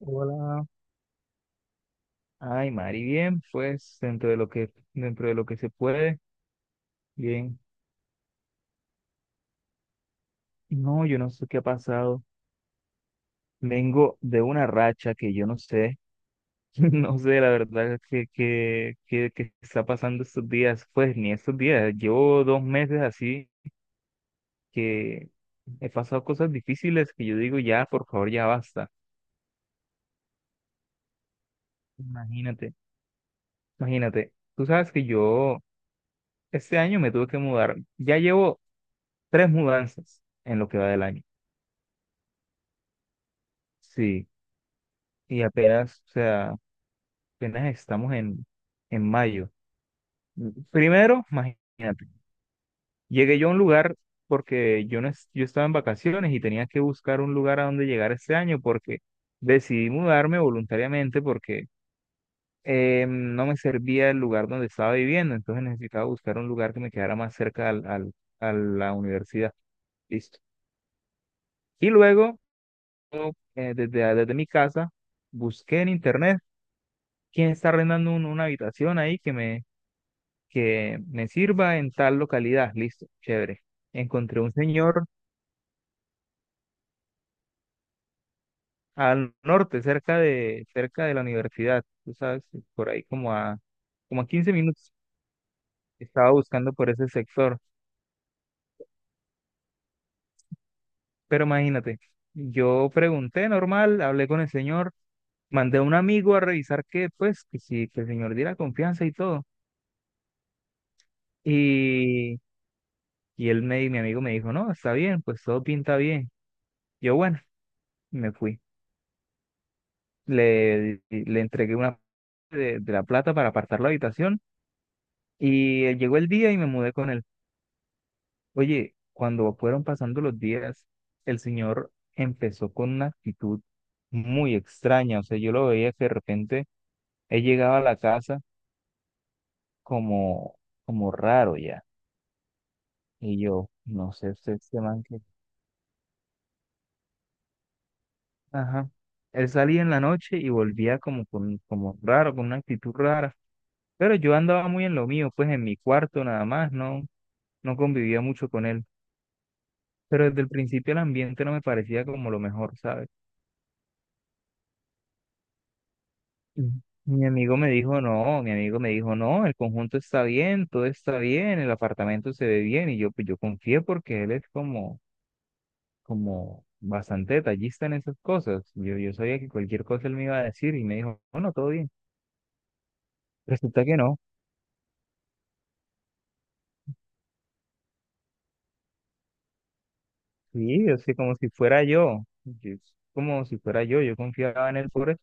Hola. Ay, Mari, bien, pues dentro de lo que se puede, bien. No, yo no sé qué ha pasado. Vengo de una racha que yo no sé, no sé la verdad que está pasando estos días, pues ni estos días. Llevo 2 meses así que he pasado cosas difíciles que yo digo ya, por favor, ya basta. Imagínate, imagínate. Tú sabes que yo este año me tuve que mudar. Ya llevo tres mudanzas en lo que va del año. Sí. Y apenas, o sea, apenas estamos en, mayo. Primero, imagínate, llegué yo a un lugar porque yo, no, yo estaba en vacaciones y tenía que buscar un lugar a donde llegar este año porque decidí mudarme voluntariamente porque no me servía el lugar donde estaba viviendo, entonces necesitaba buscar un lugar que me quedara más cerca al, a la universidad. Listo. Y luego, yo, desde mi casa, busqué en internet quién está arrendando una habitación ahí que me sirva en tal localidad. Listo, chévere. Encontré un señor al norte, cerca de la universidad, tú sabes, por ahí como a 15 minutos. Estaba buscando por ese sector. Pero imagínate, yo pregunté normal, hablé con el señor, mandé a un amigo a revisar que, pues, que si que el señor diera confianza y todo. Y, y mi amigo me dijo, no, está bien, pues todo pinta bien. Yo, bueno, me fui. Le entregué una parte de la plata para apartar la habitación y llegó el día y me mudé con él. Oye, cuando fueron pasando los días, el señor empezó con una actitud muy extraña, o sea, yo lo veía que de repente él llegaba a la casa como, como raro ya, y yo, no sé, este man que... Ajá. Él salía en la noche y volvía como, como raro, con una actitud rara, pero yo andaba muy en lo mío, pues en mi cuarto nada más, ¿no? No convivía mucho con él, pero desde el principio el ambiente no me parecía como lo mejor, ¿sabes? Mm. Mi amigo me dijo, no, el conjunto está bien, todo está bien, el apartamento se ve bien, y yo, pues yo confié porque él es como bastante detallista en esas cosas. Yo sabía que cualquier cosa él me iba a decir y me dijo, bueno, todo bien. Resulta que no, sí, o sea, como si fuera yo, yo confiaba en él por eso.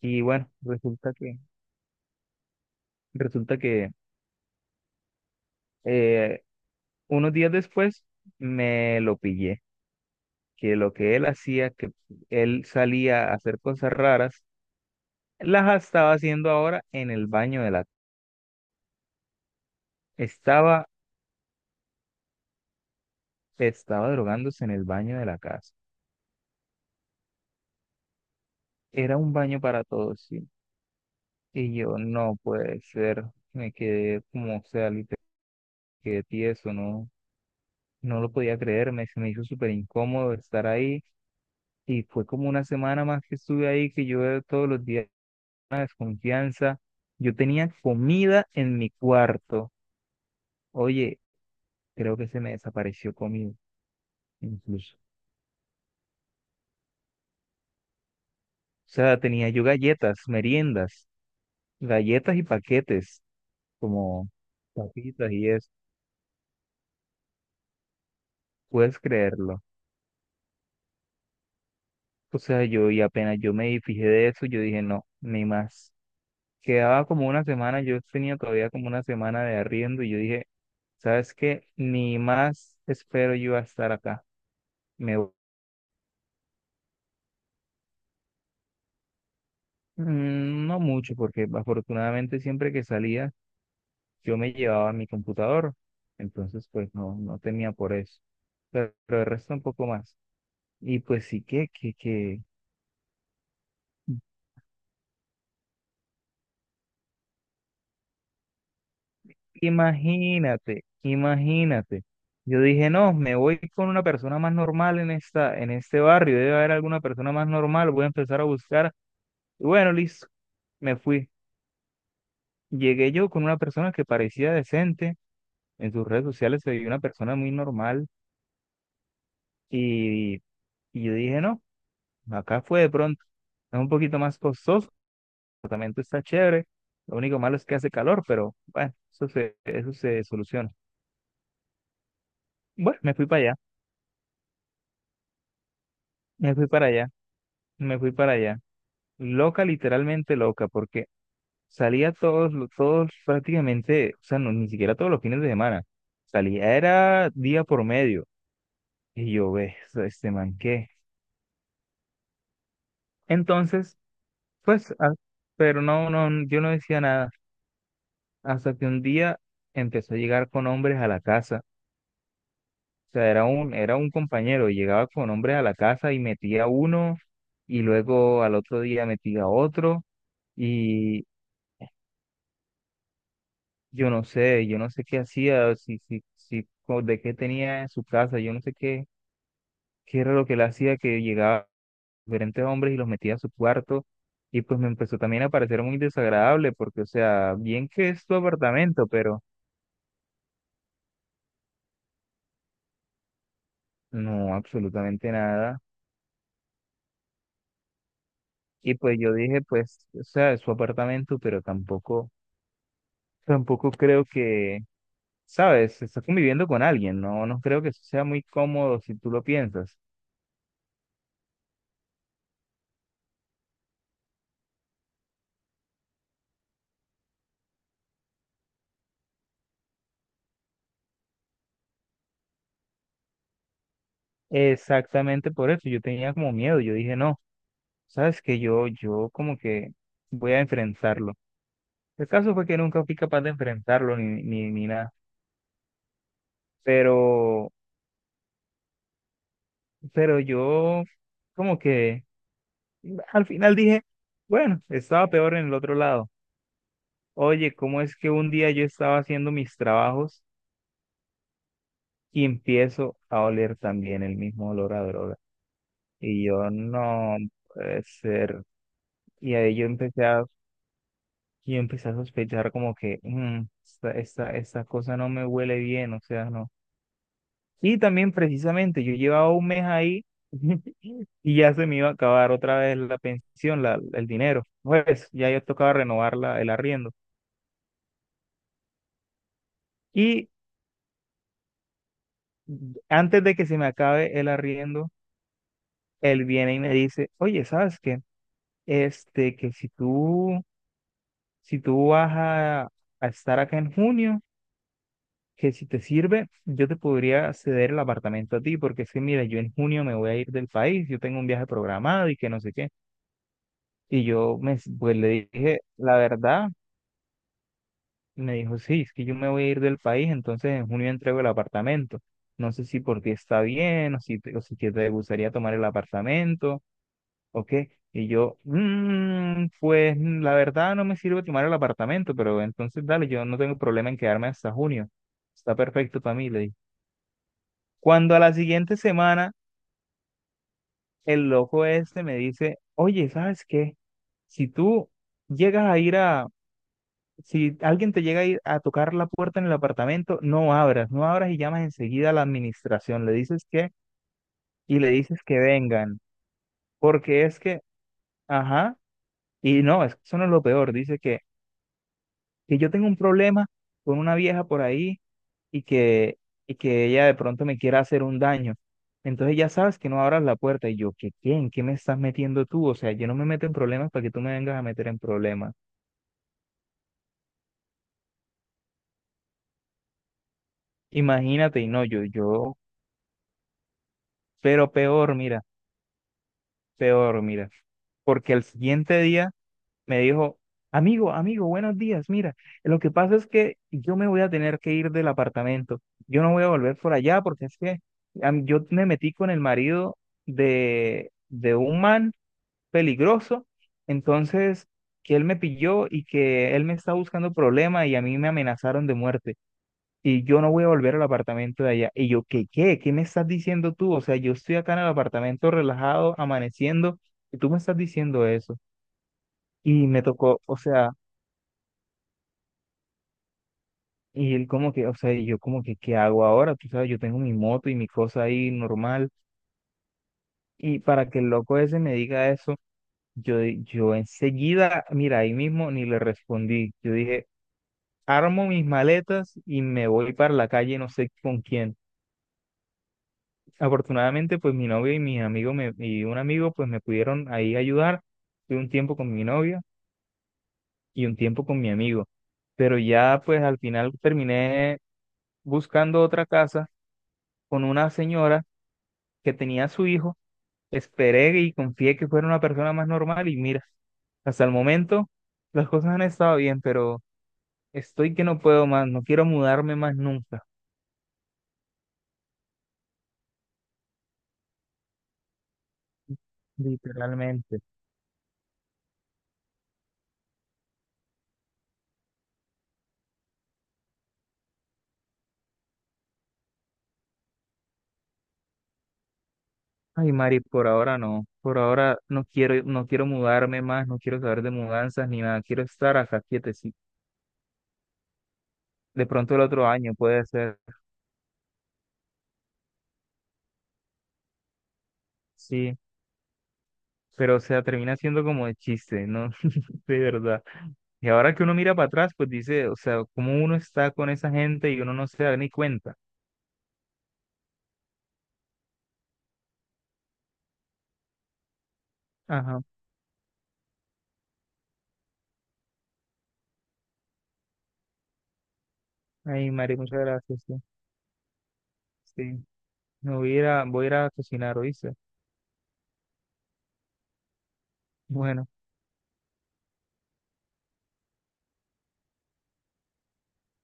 Y bueno, resulta que eh, unos días después me lo pillé, que lo que él hacía, que él salía a hacer cosas raras, las estaba haciendo ahora en el baño. De la Estaba, estaba drogándose en el baño de la casa. Era un baño para todos, sí. Y yo, no puede ser, me quedé como, o sea, literal, quedé tieso, no, no lo podía creer, se me hizo súper incómodo estar ahí. Y fue como una semana más que estuve ahí, que yo todos los días desconfianza. Yo tenía comida en mi cuarto. Oye, creo que se me desapareció comida, incluso. O sea, tenía yo galletas, meriendas, galletas y paquetes, como papitas y eso. Puedes creerlo. O sea, yo y apenas yo me fijé de eso, yo dije, no, ni más. Quedaba como una semana, yo tenía todavía como una semana de arriendo y yo dije, ¿sabes qué? Ni más espero yo a estar acá. Me Mm, no mucho, porque afortunadamente siempre que salía yo me llevaba mi computador, entonces pues no, no temía por eso, pero el resto un poco más. Y pues sí imagínate, imagínate. Yo dije, no, me voy con una persona más normal en en este barrio, debe haber alguna persona más normal, voy a empezar a buscar. Y bueno, listo, me fui. Llegué yo con una persona que parecía decente, en sus redes sociales se veía una persona muy normal. Y, y yo dije, no, acá fue de pronto. Es un poquito más costoso, el apartamento está chévere. Lo único malo es que hace calor, pero bueno, eso se soluciona. Bueno, me fui para allá, me fui para allá. Loca, literalmente loca, porque salía todos prácticamente, o sea, no, ni siquiera todos los fines de semana. Salía, era día por medio. Y yo, ve, este man, ¿qué? Entonces, pues, ah, pero no, no, yo no decía nada. Hasta que un día empezó a llegar con hombres a la casa. O sea, era un compañero, llegaba con hombres a la casa y metía uno, y luego al otro día metía otro, y yo no sé qué hacía, si, si, si, co- de qué tenía en su casa, yo no sé qué era lo que él hacía, que llegaba diferentes hombres y los metía a su cuarto, y pues me empezó también a parecer muy desagradable, porque, o sea, bien que es tu apartamento, pero no, absolutamente nada. Y pues yo dije, pues, o sea, es su apartamento, pero tampoco creo que, sabes, está conviviendo con alguien, no, no creo que eso sea muy cómodo si tú lo piensas. Exactamente por eso, yo tenía como miedo, yo dije, no, sabes que yo como que voy a enfrentarlo. El caso fue que nunca fui capaz de enfrentarlo ni nada, pero, pero yo como que al final dije, bueno, estaba peor en el otro lado. Oye, ¿cómo es que un día yo estaba haciendo mis trabajos y empiezo a oler también el mismo olor a droga? Y yo, no puede ser. Y ahí yo empecé a sospechar como que "Mm, esta cosa no me huele bien, o sea, no. Y también precisamente yo llevaba un mes ahí y ya se me iba a acabar otra vez la pensión, el dinero. Pues ya yo tocaba renovar el arriendo. Y antes de que se me acabe el arriendo, él viene y me dice, oye, ¿sabes qué? Este, que si tú vas a estar acá en junio, que si te sirve, yo te podría ceder el apartamento a ti, porque es que, mira, yo en junio me voy a ir del país, yo tengo un viaje programado y que no sé qué. Y yo, pues le dije, la verdad, y me dijo, sí, es que yo me voy a ir del país, entonces en junio entrego el apartamento. No sé si por ti está bien, o si que te gustaría tomar el apartamento, ¿ok? Y yo, "Mm, pues la verdad no me sirve tomar el apartamento, pero entonces dale, yo no tengo problema en quedarme hasta junio. Está perfecto para mí, le dije. Cuando a la siguiente semana el loco este me dice, oye, ¿sabes qué? Si tú llegas a ir a, si alguien te llega a ir a tocar la puerta en el apartamento, no abras, no abras y llamas enseguida a la administración, y le dices que vengan, porque es que, ajá, y no, eso no es lo peor, dice que yo tengo un problema con una vieja por ahí y que, y que ella de pronto me quiera hacer un daño. Entonces ya sabes que no abras la puerta. Y yo, ¿qué quién? ¿Qué me estás metiendo tú? O sea, yo no me meto en problemas para que tú me vengas a meter en problemas. Imagínate, y no, yo, pero peor, mira, peor, mira. Porque el siguiente día me dijo, amigo, amigo, buenos días, mira, lo que pasa es que yo me voy a tener que ir del apartamento, yo no voy a volver por allá porque es que yo me metí con el marido de un man peligroso, entonces que él me pilló y que él me está buscando problema y a mí me amenazaron de muerte. Y yo no voy a volver al apartamento de allá. Y yo, ¿qué, qué? ¿Qué me estás diciendo tú? O sea, yo estoy acá en el apartamento relajado, amaneciendo, y tú me estás diciendo eso. Y me tocó, o sea, y él como que, o sea, y yo como que, ¿qué hago ahora? Tú sabes, yo tengo mi moto y mi cosa ahí normal. Y para que el loco ese me diga eso, yo enseguida, mira, ahí mismo ni le respondí. Yo dije, armo mis maletas y me voy para la calle, no sé con quién. Afortunadamente, pues mi novia y mis amigos y un amigo, pues me pudieron ahí ayudar. Fui un tiempo con mi novia y un tiempo con mi amigo. Pero ya, pues al final terminé buscando otra casa con una señora que tenía a su hijo. Esperé y confié que fuera una persona más normal y mira, hasta el momento las cosas han estado bien, pero estoy que no puedo más, no quiero mudarme más nunca, literalmente. Ay, Mari, por ahora no, por ahora no quiero mudarme más, no quiero saber de mudanzas ni nada, quiero estar acá quietecito. De pronto el otro año puede ser, sí, pero o sea, termina siendo como de chiste, ¿no? De verdad. Y ahora que uno mira para atrás, pues dice, o sea, como uno está con esa gente y uno no se da ni cuenta. Ajá. Ay, Mari, muchas gracias. Sí, sí. Me voy a ir a, voy a ir a cocinar, ¿oíste? Bueno,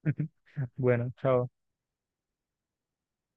bueno, chao.